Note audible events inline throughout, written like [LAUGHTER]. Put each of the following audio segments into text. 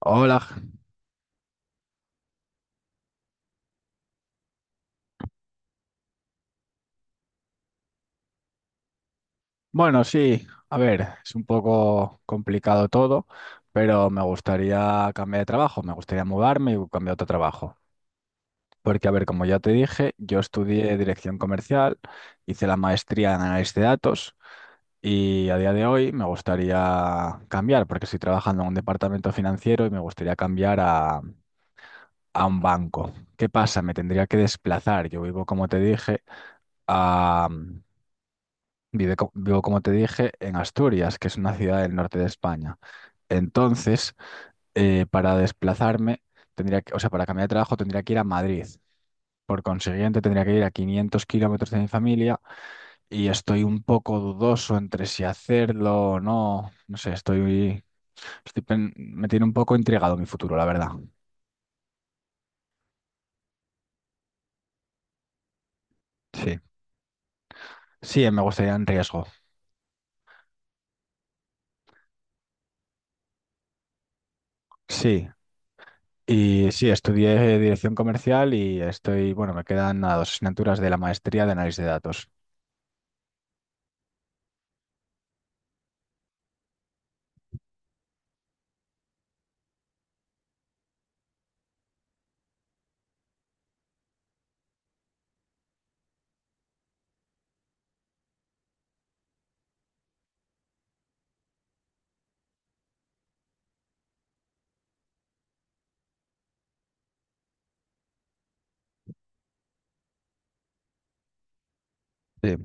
Hola. Bueno, sí, a ver, es un poco complicado todo, pero me gustaría cambiar de trabajo, me gustaría mudarme y cambiar a otro trabajo. Porque, a ver, como ya te dije, yo estudié dirección comercial, hice la maestría en análisis de datos y a día de hoy me gustaría cambiar, porque estoy trabajando en un departamento financiero y me gustaría cambiar a un banco. ¿Qué pasa? Me tendría que desplazar. Yo vivo, como te dije, a vivo, como te dije, en Asturias, que es una ciudad del norte de España. Entonces, para desplazarme, tendría que, o sea, para cambiar de trabajo tendría que ir a Madrid. Por consiguiente, tendría que ir a 500 kilómetros de mi familia y estoy un poco dudoso entre si hacerlo o no. No sé, me tiene un poco intrigado mi futuro, la verdad. Sí, sí, me gustaría en riesgo. Sí, y sí, estudié dirección comercial y estoy, bueno, me quedan nada, dos asignaturas de la maestría de análisis de datos. Sí.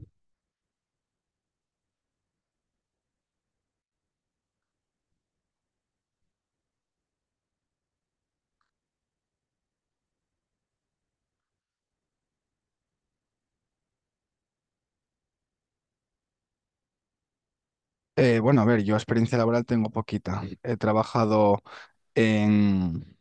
Bueno, a ver, yo experiencia laboral tengo poquita. He trabajado en,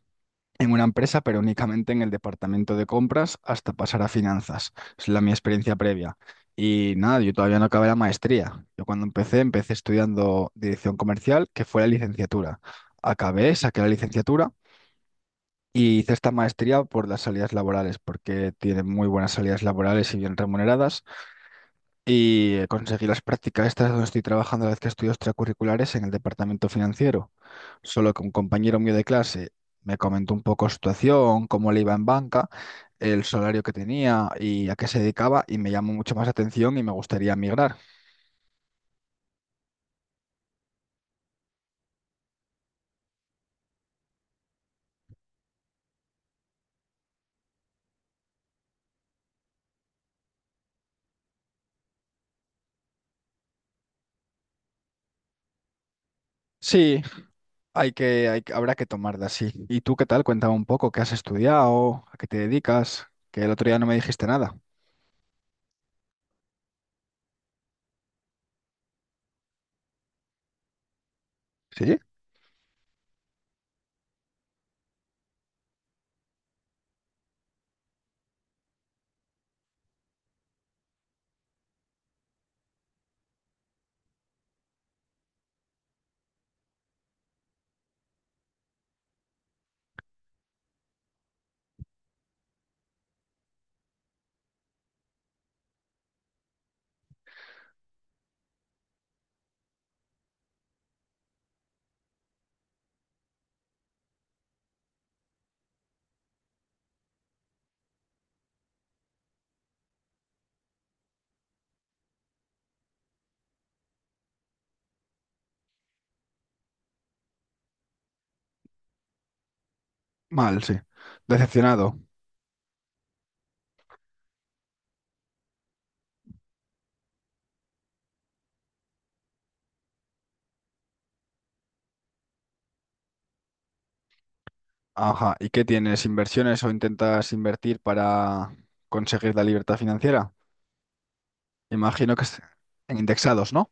en una empresa, pero únicamente en el departamento de compras hasta pasar a finanzas. Es la mi experiencia previa. Y nada, yo todavía no acabé la maestría. Yo cuando empecé, empecé estudiando dirección comercial, que fue la licenciatura. Acabé, saqué la licenciatura y hice esta maestría por las salidas laborales, porque tiene muy buenas salidas laborales y bien remuneradas. Y conseguí las prácticas estas donde estoy trabajando a la vez que estudio extracurriculares en el departamento financiero. Solo que un compañero mío de clase me comentó un poco su situación, cómo le iba en banca, el salario que tenía y a qué se dedicaba y me llamó mucho más la atención y me gustaría migrar. Sí, habrá que tomarla así. ¿Y tú qué tal? Cuéntame un poco, ¿qué has estudiado? ¿A qué te dedicas? Que el otro día no me dijiste nada. ¿Sí? Mal, sí. Decepcionado. Ajá, ¿y qué tienes? ¿Inversiones o intentas invertir para conseguir la libertad financiera? Imagino que es en indexados, ¿no?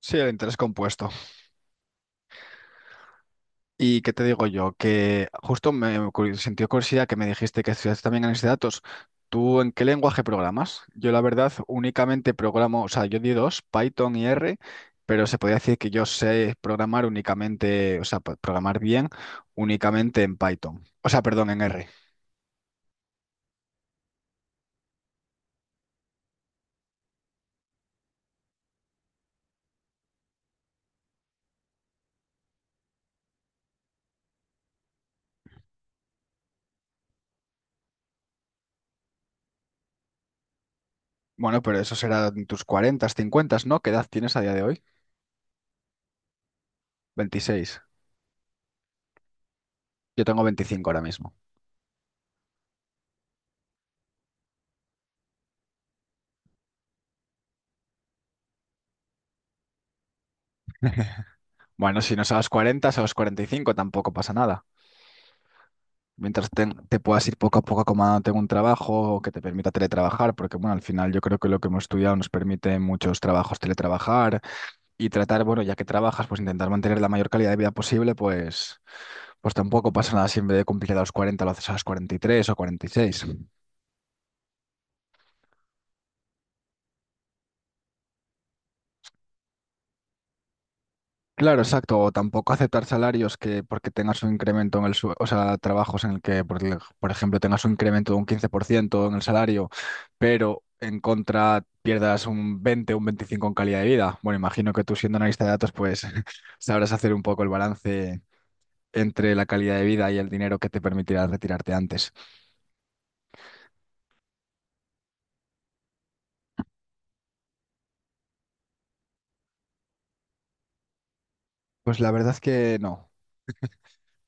Sí, el interés compuesto. ¿Y qué te digo yo? Que justo sentí curiosidad que me dijiste que estudias también análisis de datos. ¿Tú en qué lenguaje programas? Yo la verdad únicamente programo, o sea, yo di dos, Python y R, pero se podría decir que yo sé programar únicamente, o sea, programar bien únicamente en Python. O sea, perdón, en R. Bueno, pero eso será en tus 40, 50, ¿no? ¿Qué edad tienes a día de hoy? 26. Yo tengo 25 ahora mismo. [LAUGHS] Bueno, si no es a los 40 es a los 45, tampoco pasa nada. Mientras te puedas ir poco a poco acomodándote en un trabajo que te permita teletrabajar, porque bueno, al final yo creo que lo que hemos estudiado nos permite en muchos trabajos teletrabajar y tratar, bueno, ya que trabajas, pues intentar mantener la mayor calidad de vida posible, pues, pues tampoco pasa nada si en vez de cumplir a los 40 lo haces a los 43 o 46. Claro, exacto, o tampoco aceptar salarios que porque tengas un incremento en el sueldo, o sea, trabajos en el que, por, por ejemplo, tengas un incremento de un 15% en el salario, pero en contra pierdas un 20, o un 25 en calidad de vida. Bueno, imagino que tú siendo analista de datos, pues [LAUGHS] sabrás hacer un poco el balance entre la calidad de vida y el dinero que te permitirá retirarte antes. Pues la verdad es que no.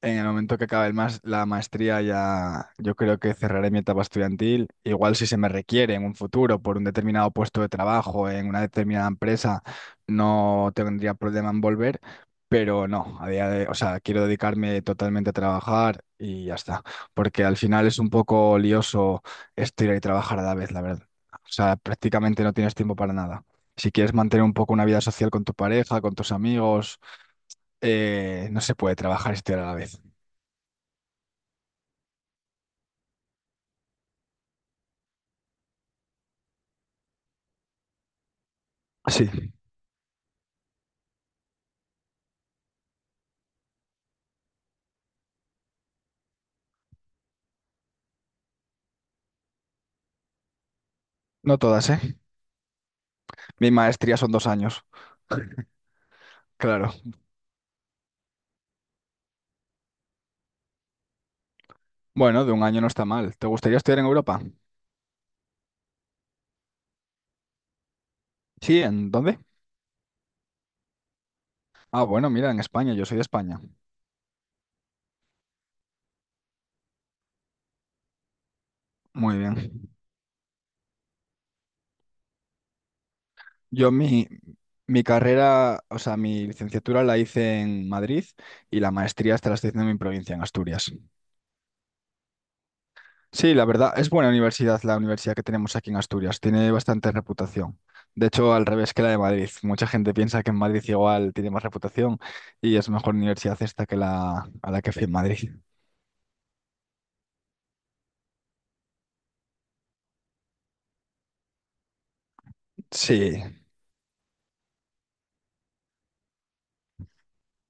En el momento que acabe la maestría ya yo creo que cerraré mi etapa estudiantil. Igual si se me requiere en un futuro por un determinado puesto de trabajo en una determinada empresa, no tendría problema en volver, pero no, a día de, o sea, quiero dedicarme totalmente a trabajar y ya está, porque al final es un poco lioso estudiar y trabajar a la vez, la verdad. O sea, prácticamente no tienes tiempo para nada. Si quieres mantener un poco una vida social con tu pareja, con tus amigos, no se puede trabajar y estudiar a la vez. Sí, no todas, ¿eh? Mi maestría son 2 años, claro. Bueno, de un año no está mal. ¿Te gustaría estudiar en Europa? Sí, ¿en dónde? Ah, bueno, mira, en España, yo soy de España. Muy bien. Yo mi, mi carrera, o sea, mi licenciatura la hice en Madrid y la maestría hasta la estoy haciendo en mi provincia, en Asturias. Sí, la verdad, es buena universidad la universidad que tenemos aquí en Asturias, tiene bastante reputación. De hecho, al revés que la de Madrid. Mucha gente piensa que en Madrid igual tiene más reputación y es mejor universidad esta que la a la que fui en Madrid. Sí,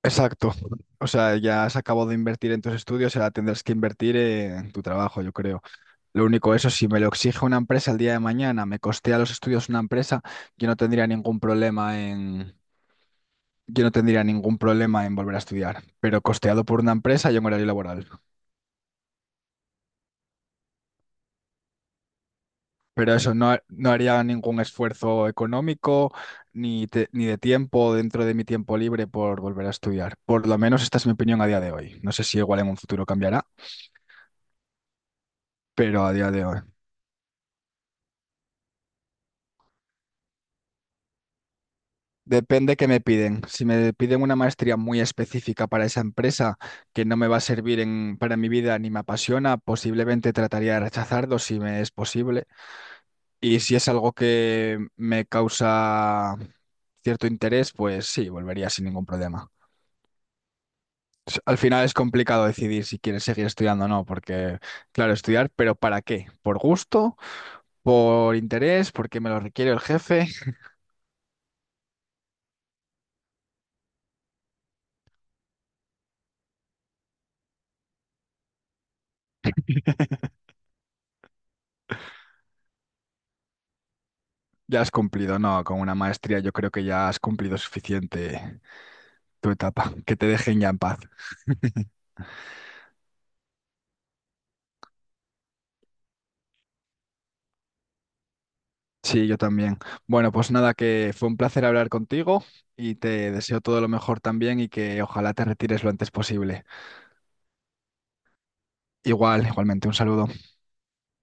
exacto. O sea, ya has acabado de invertir en tus estudios, ahora tendrás que invertir en tu trabajo, yo creo. Lo único, eso, si me lo exige una empresa el día de mañana, me costea los estudios una empresa, yo no tendría ningún problema en Yo no tendría ningún problema en volver a estudiar, pero costeado por una empresa y en horario laboral. Pero eso, no, no haría ningún esfuerzo económico ni de tiempo dentro de mi tiempo libre por volver a estudiar. Por lo menos esta es mi opinión a día de hoy. No sé si igual en un futuro cambiará, pero a día de hoy. Depende qué me piden. Si me piden una maestría muy específica para esa empresa que no me va a servir en, para mi vida ni me apasiona, posiblemente trataría de rechazarlo si me es posible. Y si es algo que me causa cierto interés, pues sí, volvería sin ningún problema. Al final es complicado decidir si quieres seguir estudiando o no, porque, claro, estudiar, pero ¿para qué? ¿Por gusto? ¿Por interés? ¿Porque me lo requiere el jefe? Ya has cumplido, no, con una maestría yo creo que ya has cumplido suficiente tu etapa, que te dejen ya en paz. [LAUGHS] Sí, yo también. Bueno, pues nada, que fue un placer hablar contigo y te deseo todo lo mejor también y que ojalá te retires lo antes posible. Igual, igualmente, un saludo.